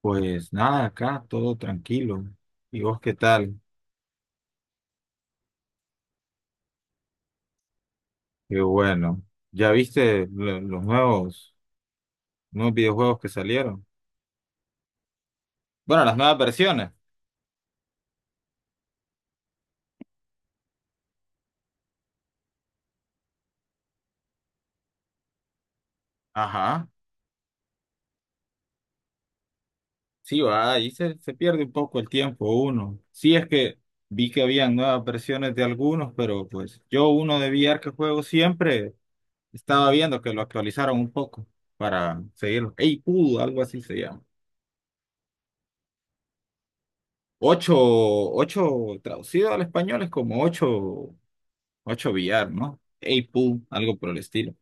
Pues nada, acá todo tranquilo. ¿Y vos qué tal? Qué bueno. ¿Ya viste los nuevos videojuegos que salieron? Bueno, las nuevas versiones. Ajá. Sí, va, ahí se pierde un poco el tiempo uno. Sí, es que vi que habían nuevas versiones de algunos, pero pues yo uno de VR que juego siempre estaba viendo que lo actualizaron un poco para seguirlo. Ey, pudo, algo así se llama. Ocho, ocho traducido al español es como ocho. 8 billar, ¿no? 8 pool, algo por el estilo.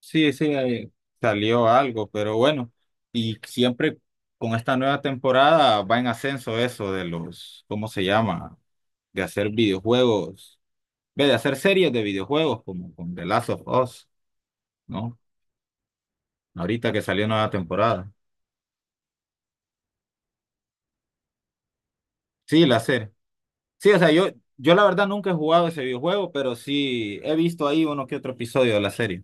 Sí, sí, ahí salió algo, pero bueno, y siempre con esta nueva temporada va en ascenso eso de los, ¿cómo se llama? De hacer videojuegos, ve, de hacer series de videojuegos como con The Last of Us, ¿no? Ahorita que salió nueva temporada. Sí, la serie. Sí, o sea, yo, yo la verdad nunca he jugado ese videojuego, pero sí he visto ahí uno que otro episodio de la serie.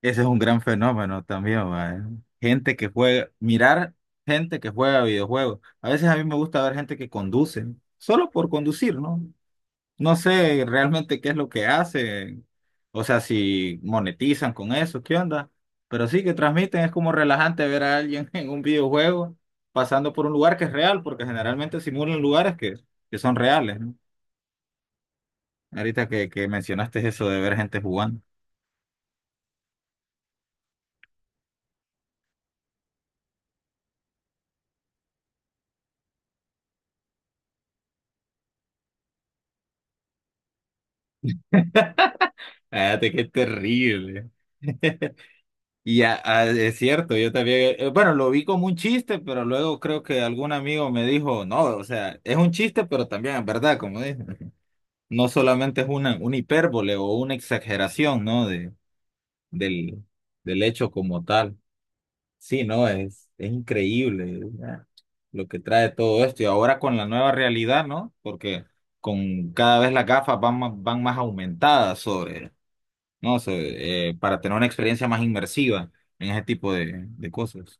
Ese es un gran fenómeno también, mae. Gente que juega, mirar gente que juega videojuegos. A veces a mí me gusta ver gente que conduce, solo por conducir, ¿no? No sé realmente qué es lo que hacen, o sea, si monetizan con eso, ¿qué onda? Pero sí que transmiten, es como relajante ver a alguien en un videojuego pasando por un lugar que es real, porque generalmente simulan lugares que son reales, ¿no? Ahorita que mencionaste eso de ver gente jugando. Fíjate qué terrible. Y ya, ah, es cierto, yo también, bueno, lo vi como un chiste, pero luego creo que algún amigo me dijo, no, o sea, es un chiste, pero también es verdad, como dije, no solamente es una hipérbole o una exageración, ¿no? Del, del hecho como tal. Sí, no, es increíble, ¿verdad? Lo que trae todo esto. Y ahora con la nueva realidad, ¿no? Porque con cada vez las gafas van más aumentadas sobre, ¿no? Sobre, para tener una experiencia más inmersiva en ese tipo de cosas.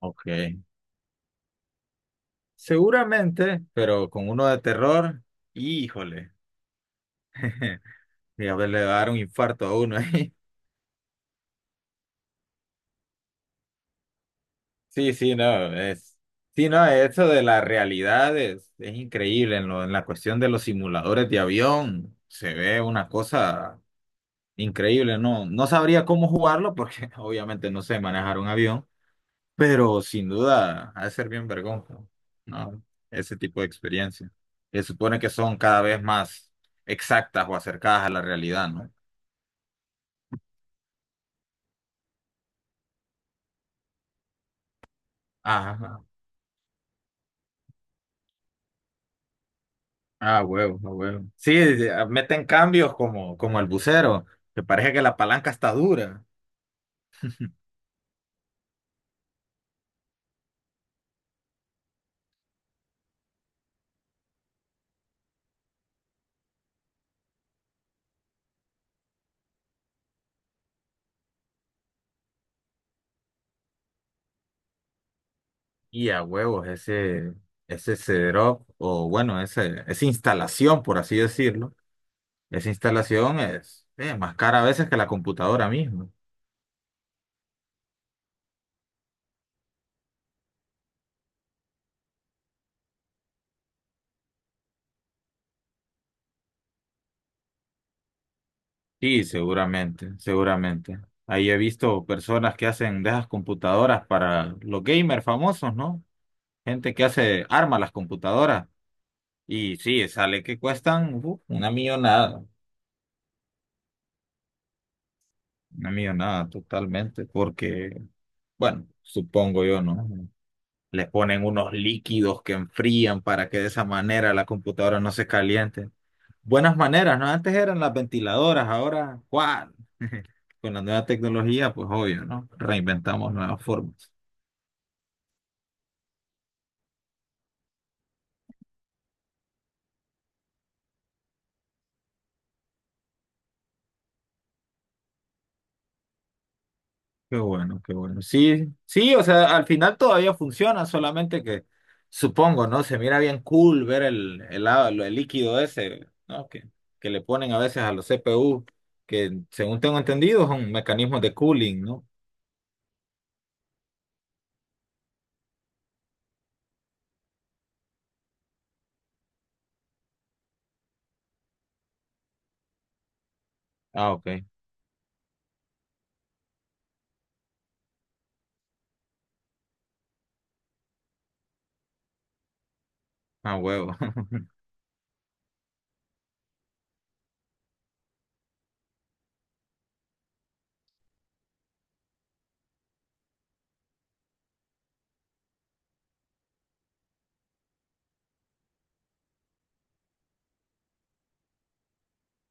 Ok. Seguramente, pero con uno de terror, híjole. Fíjate, le va a dar un infarto a uno ahí. Sí, sí, no, es. Sí, no, eso de la realidad es increíble. En la cuestión de los simuladores de avión, se ve una cosa increíble. No sabría cómo jugarlo porque obviamente no sé manejar un avión. Pero sin duda, ha de ser bien vergón, ¿no? Ese tipo de experiencia. Se supone que son cada vez más exactas o acercadas a la realidad, ¿no? Ajá. Ah, huevo, ah huevo. Sí, meten cambios como, como el bucero, que parece que la palanca está dura. Y a huevos, ese setup, o bueno, esa instalación, por así decirlo, esa instalación es más cara a veces que la computadora misma. Sí, seguramente, seguramente. Ahí he visto personas que hacen de esas computadoras para los gamers famosos, ¿no? Gente que hace, arma las computadoras. Y sí, sale que cuestan una millonada totalmente, porque, bueno, supongo yo, ¿no? Les ponen unos líquidos que enfrían para que de esa manera la computadora no se caliente. Buenas maneras, ¿no? Antes eran las ventiladoras, ahora, ¿cuál? Con la nueva tecnología, pues obvio, ¿no? Reinventamos nuevas formas. Qué bueno, qué bueno. Sí, sí, o sea, al final todavía funciona, solamente que supongo, ¿no? Se mira bien cool ver el líquido ese, ¿no? Que le ponen a veces a los CPU, que según tengo entendido son mecanismos de cooling, ¿no? Ah, ok. Ah, huevo.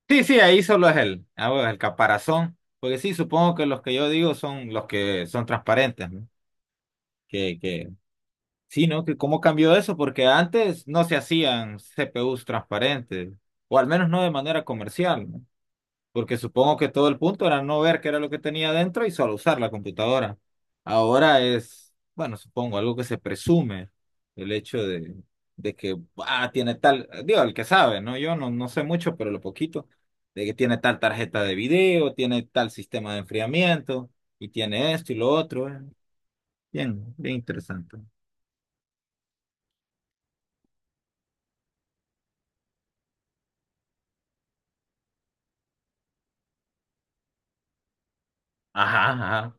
Sí, sí, ahí solo es el, ah, huevo, el caparazón. Porque sí, supongo que los que yo digo son los que son transparentes, ¿no? Que Sí, ¿no? Que cómo cambió eso, porque antes no se hacían CPUs transparentes, o al menos no de manera comercial, ¿no? Porque supongo que todo el punto era no ver qué era lo que tenía dentro y solo usar la computadora. Ahora es, bueno, supongo, algo que se presume, el hecho de que ah, tiene tal, digo, el que sabe, ¿no? Yo no sé mucho, pero lo poquito, de que tiene tal tarjeta de video, tiene tal sistema de enfriamiento, y tiene esto y lo otro. ¿Eh? Bien, bien interesante. Ajá, ajá.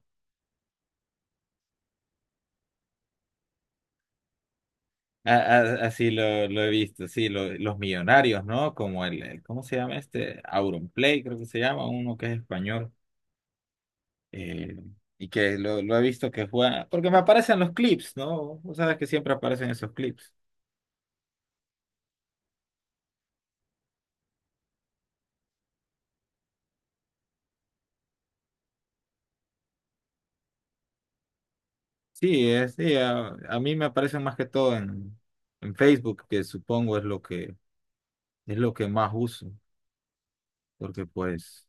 Así lo he visto, sí, los millonarios, ¿no? Como ¿cómo se llama este? Auronplay, creo que se llama, uno que es español, eh, y que lo he visto que juega, porque me aparecen los clips, ¿no? Vos sabes que siempre aparecen esos clips. Sí, a mí me aparecen más que todo en Facebook, que supongo es lo es lo que más uso, porque pues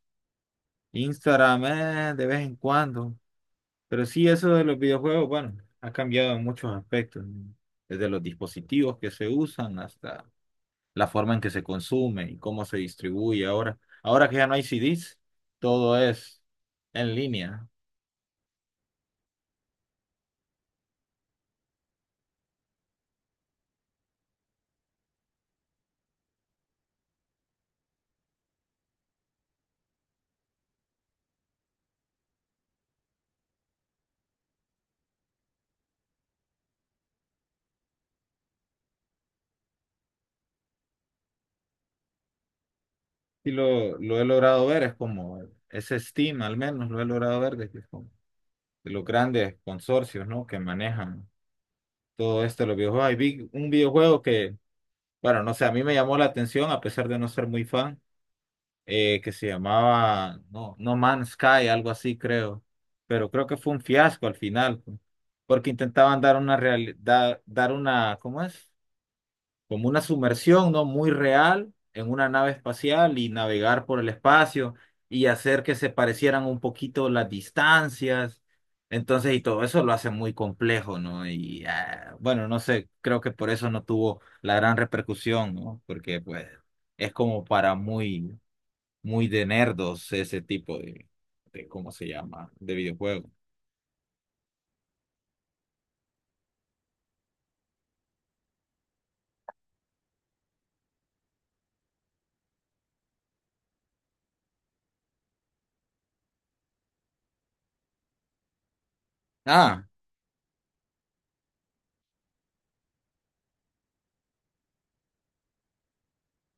Instagram, de vez en cuando. Pero sí, eso de los videojuegos, bueno, ha cambiado en muchos aspectos, ¿no? Desde los dispositivos que se usan hasta la forma en que se consume y cómo se distribuye ahora. Ahora que ya no hay CDs, todo es en línea. Lo he logrado ver, es como ese Steam, al menos lo he logrado ver de, que es como de los grandes consorcios, ¿no? Que manejan todo esto de los videojuegos. Y vi un videojuego que, bueno, no sé, a mí me llamó la atención a pesar de no ser muy fan que se llamaba no, No Man's Sky, algo así creo, pero creo que fue un fiasco al final, pues, porque intentaban dar una realidad, dar una, ¿cómo es? Como una sumersión, ¿no? Muy real en una nave espacial y navegar por el espacio y hacer que se parecieran un poquito las distancias. Entonces, y todo eso lo hace muy complejo, ¿no? Y ah, bueno, no sé, creo que por eso no tuvo la gran repercusión, ¿no? Porque pues es como para muy de nerdos ese tipo de ¿cómo se llama? De videojuego. Ah,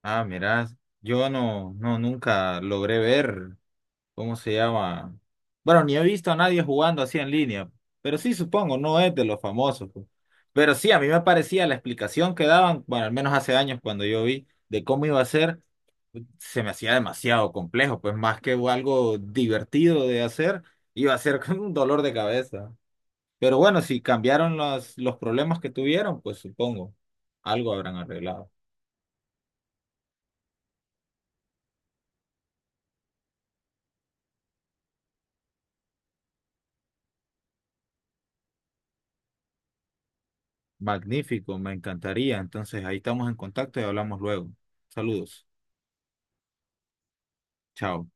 ah, mirá, yo nunca logré ver cómo se llama. Bueno, ni he visto a nadie jugando así en línea, pero sí supongo, no es de los famosos. Pues. Pero sí, a mí me parecía la explicación que daban, bueno, al menos hace años cuando yo vi de cómo iba a ser, se me hacía demasiado complejo, pues más que algo divertido de hacer, iba a ser como un dolor de cabeza. Pero bueno, si cambiaron los problemas que tuvieron, pues supongo, algo habrán arreglado. Magnífico, me encantaría. Entonces, ahí estamos en contacto y hablamos luego. Saludos. Chao.